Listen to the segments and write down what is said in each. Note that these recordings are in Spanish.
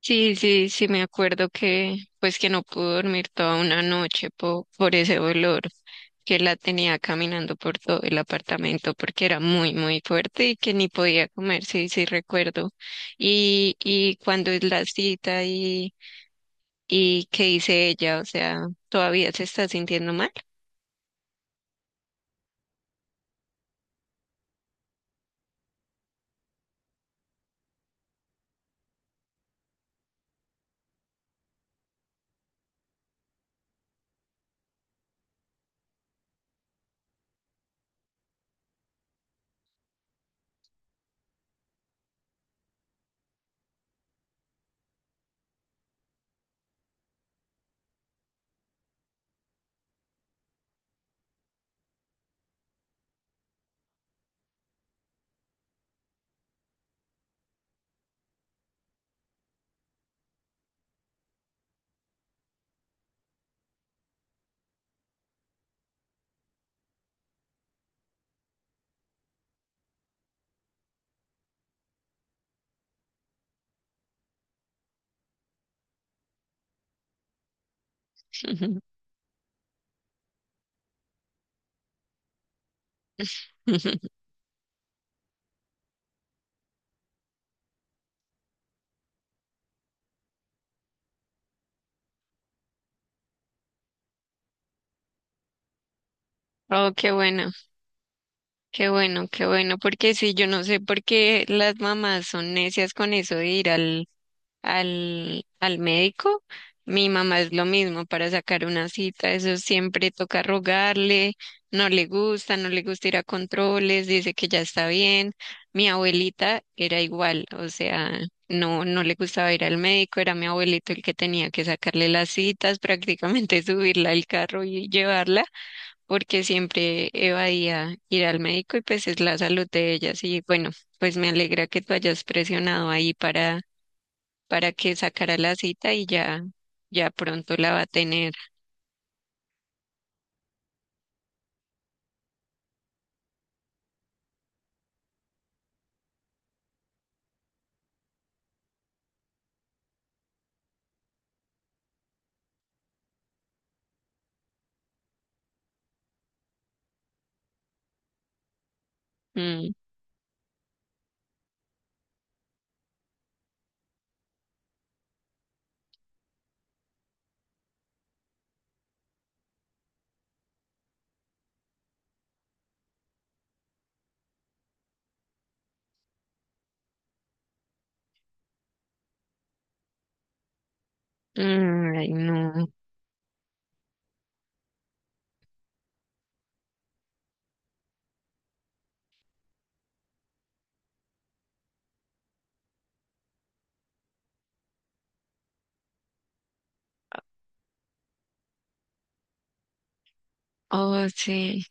Sí, sí, sí, me acuerdo que pues que no pude dormir toda una noche por ese olor que la tenía caminando por todo el apartamento porque era muy, muy fuerte y que ni podía comer, sí, sí recuerdo. Y cuando es la cita y qué dice ella, o sea, ¿todavía se está sintiendo mal? Oh, qué bueno, qué bueno, qué bueno, porque sí, yo no sé por qué las mamás son necias con eso de ir al al médico. Mi mamá es lo mismo para sacar una cita, eso siempre toca rogarle, no le gusta, no le gusta ir a controles, dice que ya está bien. Mi abuelita era igual, o sea, no le gustaba ir al médico, era mi abuelito el que tenía que sacarle las citas, prácticamente subirla al carro y llevarla, porque siempre evadía ir al médico y pues es la salud de ellas. Y bueno, pues me alegra que tú hayas presionado ahí para que sacara la cita y ya, ya pronto la va a tener. Mm, Ay, no. Oh, sí.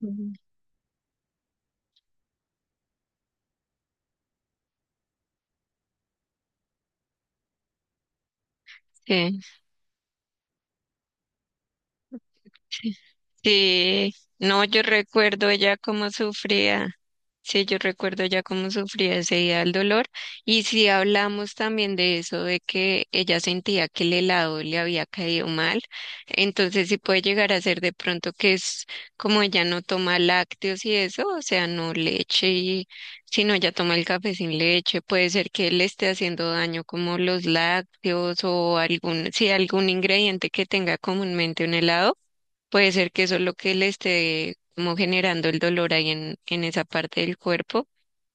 mm, Sí, sí. No, yo recuerdo ella cómo sufría. Sí, yo recuerdo ya cómo sufría ese día el dolor. Y si hablamos también de eso, de que ella sentía que el helado le había caído mal, entonces sí puede llegar a ser de pronto que es como ella no toma lácteos y eso, o sea, no leche y sino ella toma el café sin leche, puede ser que le esté haciendo daño como los lácteos o algún, sí, algún ingrediente que tenga comúnmente un helado. Puede ser que eso es lo que le esté como generando el dolor ahí en esa parte del cuerpo.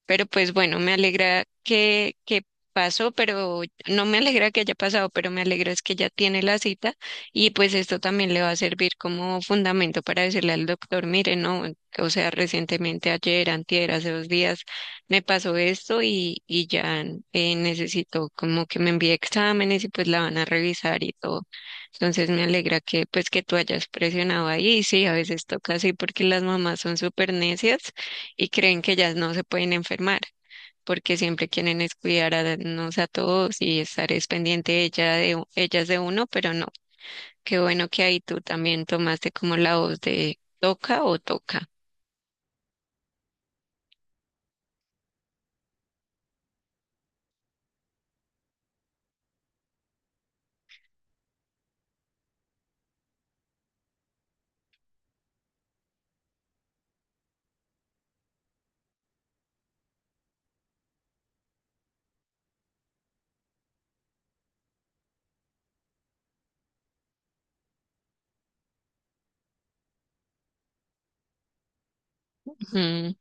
Pero pues bueno, me alegra que pasó, pero no me alegra que haya pasado, pero me alegra es que ya tiene la cita y pues esto también le va a servir como fundamento para decirle al doctor, mire, no, o sea, recientemente ayer, antier, hace dos días me pasó esto y ya necesito como que me envíe exámenes y pues la van a revisar y todo. Entonces me alegra que pues que tú hayas presionado ahí, sí, a veces toca así porque las mamás son súper necias y creen que ellas no se pueden enfermar, porque siempre quieren es cuidar a nos a todos y estar es pendiente ella de, ellas de uno, pero no. Qué bueno que ahí tú también tomaste como la voz de toca o toca. Mm,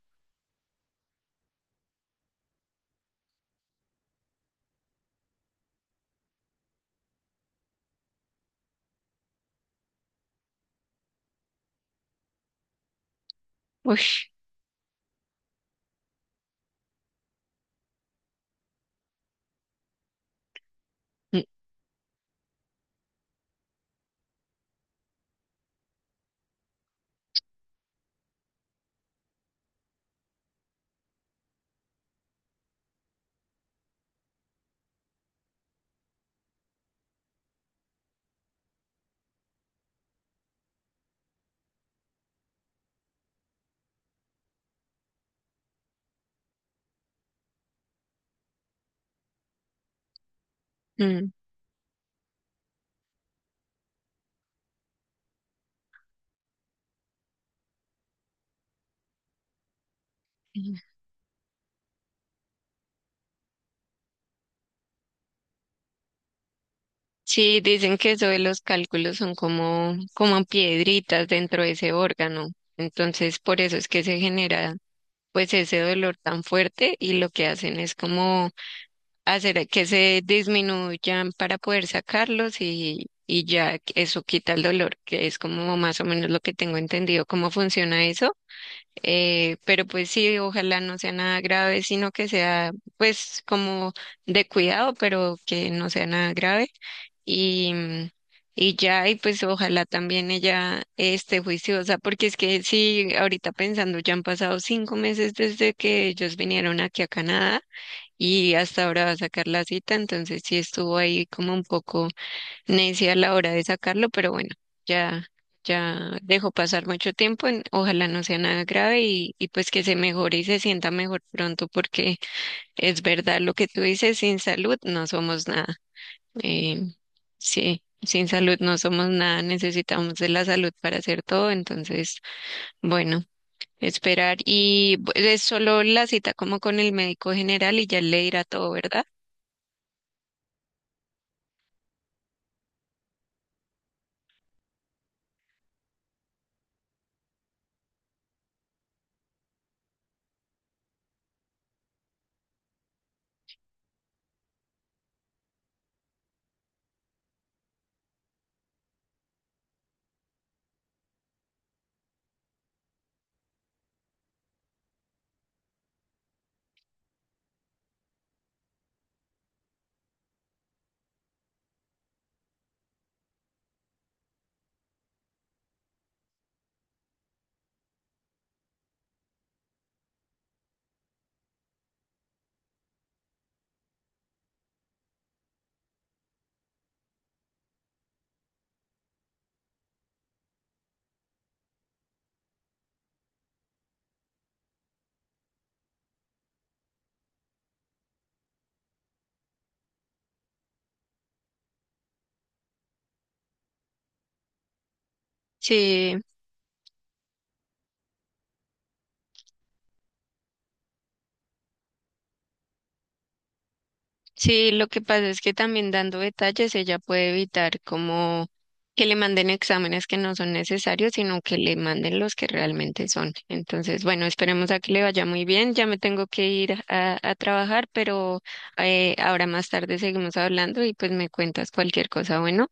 uy, mm, mm, mm. Sí, dicen que eso de los cálculos son como, como piedritas dentro de ese órgano. Entonces, por eso es que se genera pues ese dolor tan fuerte y lo que hacen es como hacer que se disminuyan para poder sacarlos y ya eso quita el dolor, que es como más o menos lo que tengo entendido cómo funciona eso. Pero pues sí, ojalá no sea nada grave, sino que sea pues como de cuidado, pero que no sea nada grave. Y, mm, y ya, y pues ojalá también ella esté juiciosa, porque es que sí, ahorita pensando, ya han pasado 5 meses desde que ellos vinieron aquí a Canadá y hasta ahora va a sacar la cita, entonces sí estuvo ahí como un poco necia a la hora de sacarlo, pero bueno, ya, ya dejó pasar mucho tiempo, ojalá no sea nada grave y pues que se mejore y se sienta mejor pronto, porque es verdad lo que tú dices, sin salud no somos nada. Eh, sí, sin salud no somos nada, necesitamos de la salud para hacer todo, entonces, bueno. Esperar y es solo la cita como con el médico general y ya le dirá todo, ¿verdad? Sí, sí, lo que pasa es que también dando detalles ella puede evitar como que le manden exámenes que no son necesarios, sino que le manden los que realmente son. Entonces, bueno, esperemos a que le vaya muy bien. Ya me tengo que ir a trabajar, pero ahora más tarde seguimos hablando y pues me cuentas cualquier cosa. Bueno.